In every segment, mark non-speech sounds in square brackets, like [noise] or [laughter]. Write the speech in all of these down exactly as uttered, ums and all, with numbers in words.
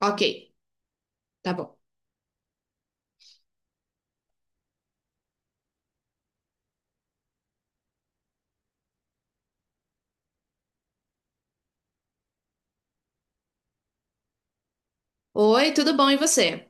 Ok, tá bom. Oi, tudo bom e você?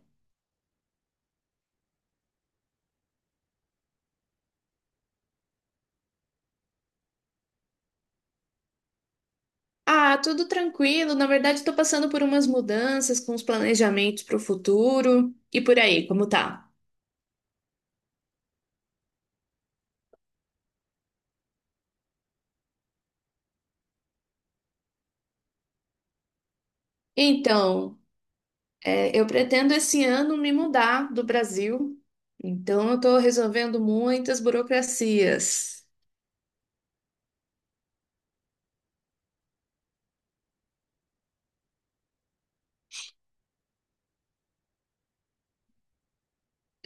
Ah, tudo tranquilo. Na verdade, estou passando por umas mudanças com os planejamentos para o futuro e por aí, como tá? Então, é, eu pretendo esse ano me mudar do Brasil, então eu estou resolvendo muitas burocracias.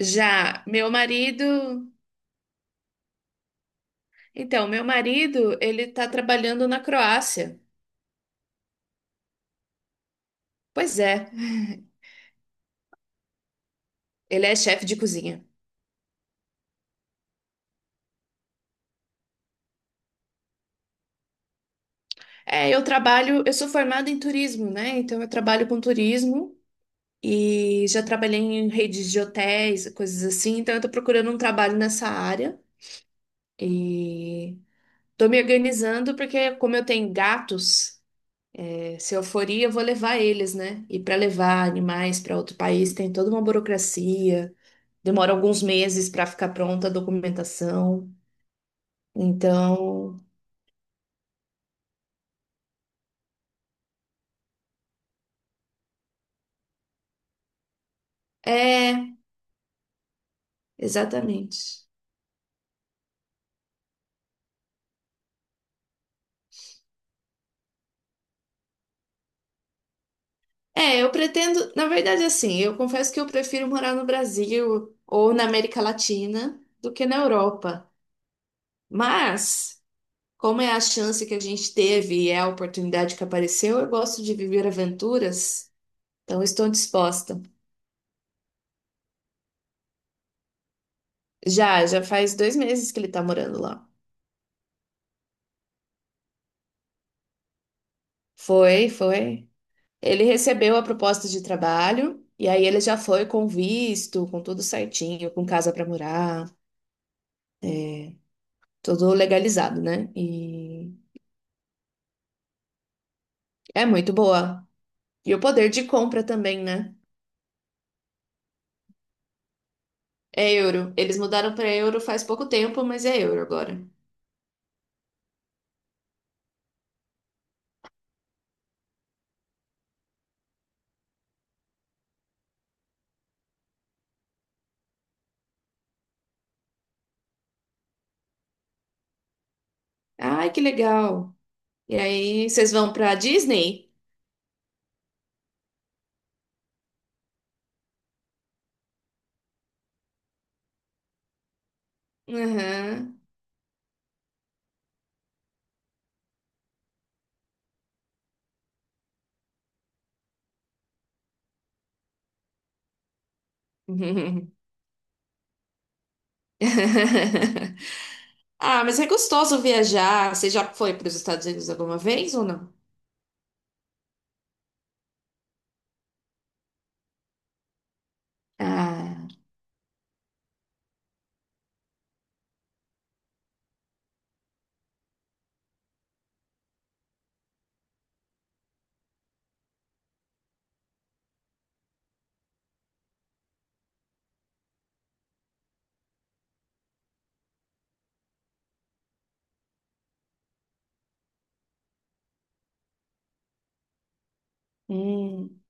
Já meu marido, então, meu marido, ele está trabalhando na Croácia. Pois é, ele é chefe de cozinha. É, eu trabalho, eu sou formada em turismo, né? Então eu trabalho com turismo e já trabalhei em redes de hotéis, coisas assim. Então eu tô procurando um trabalho nessa área e tô me organizando porque como eu tenho gatos, é, se eu for ir, eu vou levar eles, né? E para levar animais para outro país tem toda uma burocracia, demora alguns meses para ficar pronta a documentação. Então, é, exatamente. É, eu pretendo, na verdade, assim, eu confesso que eu prefiro morar no Brasil ou na América Latina do que na Europa. Mas, como é a chance que a gente teve e é a oportunidade que apareceu, eu gosto de viver aventuras, então estou disposta. Já, já faz dois meses que ele está morando lá. Foi, foi. Ele recebeu a proposta de trabalho e aí ele já foi com visto, com tudo certinho, com casa para morar, tudo legalizado, né? E é muito boa. E o poder de compra também, né? É euro. Eles mudaram para euro faz pouco tempo, mas é euro agora. Ai, que legal. E aí, vocês vão para Disney? Aham. [laughs] Ah, mas é gostoso viajar. Você já foi para os Estados Unidos alguma vez ou não? Ah, hum,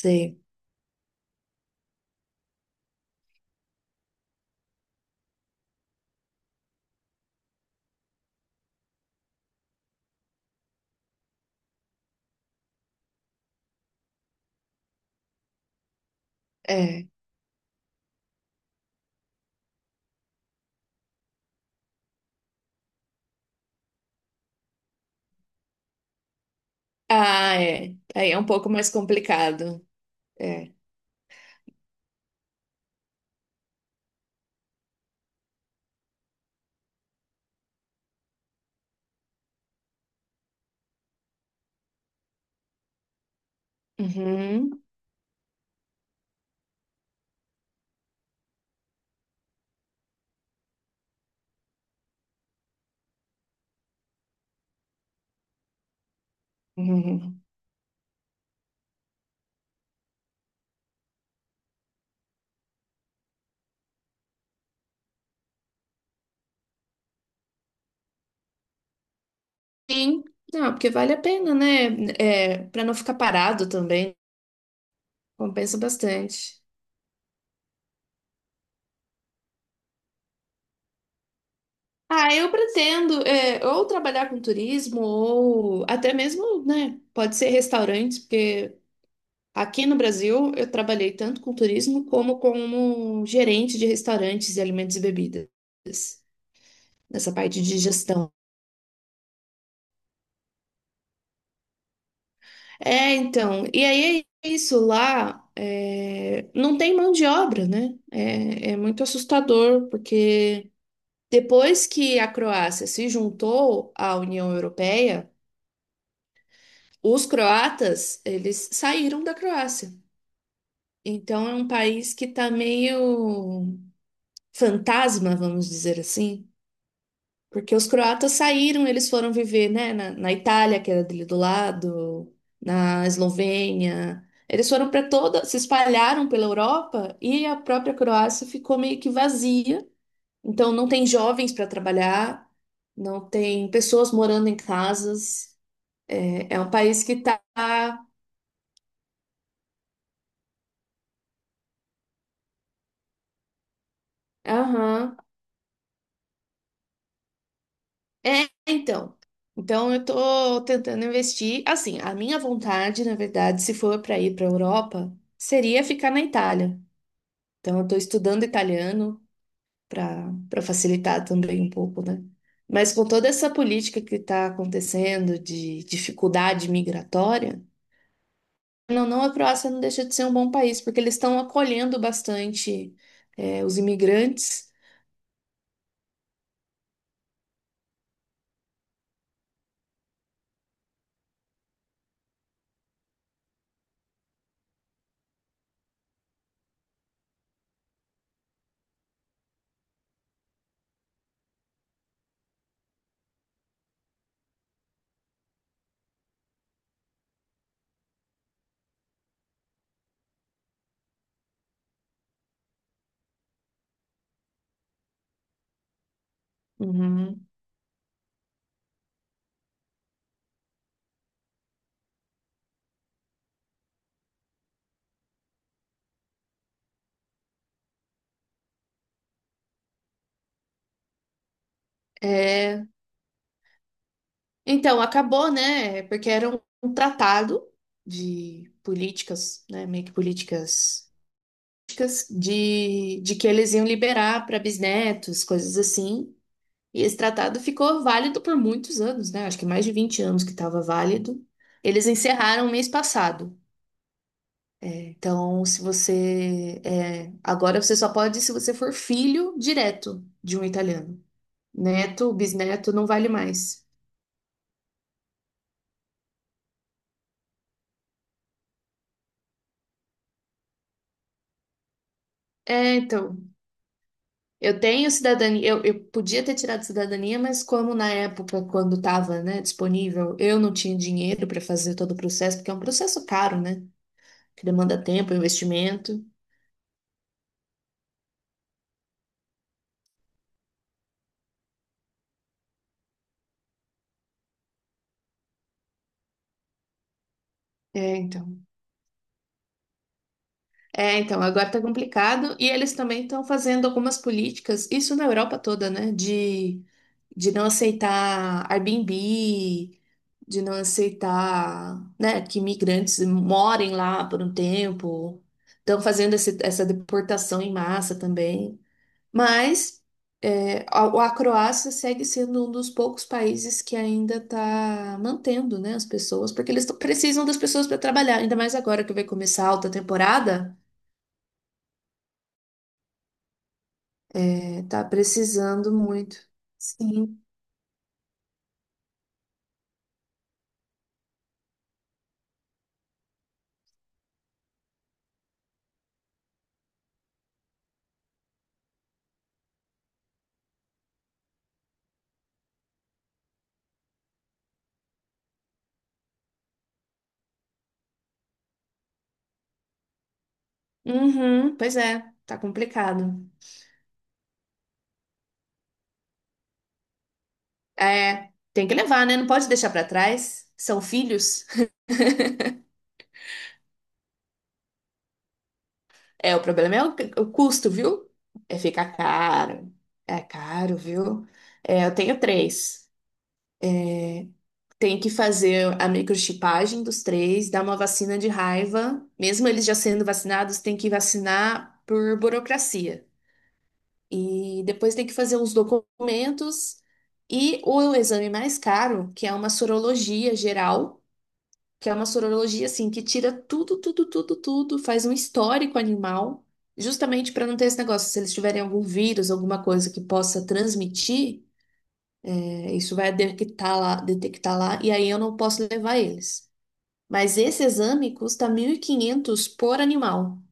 sei. É. Ah, é. Aí é um pouco mais complicado. É. Uhum. Uhum. Sim. Não, porque vale a pena, né? É, para não ficar parado também. Compensa bastante. Ah, eu pretendo é, ou trabalhar com turismo ou até mesmo, né, pode ser restaurantes, porque aqui no Brasil eu trabalhei tanto com turismo como como gerente de restaurantes de alimentos e bebidas, nessa parte de gestão. É, então, e aí é isso lá, é, não tem mão de obra, né? É, é muito assustador, porque depois que a Croácia se juntou à União Europeia, os croatas, eles saíram da Croácia. Então é um país que tá meio fantasma, vamos dizer assim. Porque os croatas saíram, eles foram viver, né, na, na Itália, que era dele do lado, na Eslovênia. Eles foram para toda, se espalharam pela Europa e a própria Croácia ficou meio que vazia. Então não tem jovens para trabalhar, não tem pessoas morando em casas. É, é um país que tá. Aham. É, então. Então eu tô tentando investir. Assim, a minha vontade, na verdade, se for para ir para Europa, seria ficar na Itália. Então eu tô estudando italiano para para facilitar também um pouco, né? Mas com toda essa política que está acontecendo de dificuldade migratória, não, não, a Croácia não deixa de ser um bom país, porque eles estão acolhendo bastante é, os imigrantes. Uhum. Então, acabou, né? Porque era um um tratado de políticas, né? Meio que políticas políticas de, de que eles iam liberar para bisnetos, coisas assim. E esse tratado ficou válido por muitos anos, né? Acho que mais de vinte anos que estava válido. Eles encerraram mês passado. Então, se você é, agora você só pode se você for filho direto de um italiano. Neto, bisneto, não vale mais. É, então. Eu tenho cidadania, eu, eu podia ter tirado cidadania, mas como na época, quando estava, né, disponível, eu não tinha dinheiro para fazer todo o processo, porque é um processo caro, né? Que demanda tempo, investimento. É, então. É, então, agora tá complicado. E eles também estão fazendo algumas políticas, isso na Europa toda, né? De, de não aceitar Airbnb, de não aceitar, né, que migrantes morem lá por um tempo. Estão fazendo esse- essa deportação em massa também. Mas é, a, a Croácia segue sendo um dos poucos países que ainda está mantendo, né, as pessoas, porque eles tão- precisam das pessoas para trabalhar, ainda mais agora que vai começar a alta temporada. É, tá precisando muito. Sim. Uhum, pois é, tá complicado. É, tem que levar, né? Não pode deixar pra trás. São filhos. [laughs] É, o problema é o, o custo, viu? É ficar caro. É caro, viu? É, eu tenho três. Tenho que fazer a microchipagem dos três, dar uma vacina de raiva. Mesmo eles já sendo vacinados, tem que vacinar por burocracia. E depois tem que fazer os documentos e o exame mais caro, que é uma sorologia geral, que é uma sorologia assim que tira tudo, tudo, tudo, tudo, faz um histórico animal, justamente para não ter esse negócio, se eles tiverem algum vírus, alguma coisa que possa transmitir, é, isso vai detectar lá, detectar lá, e aí eu não posso levar eles. Mas esse exame custa mil e quinhentos por animal,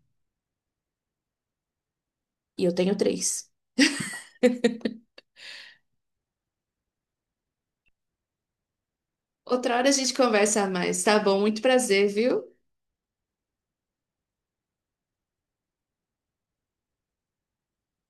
e eu tenho três. Outra hora a gente conversa mais, tá bom? Muito prazer, viu?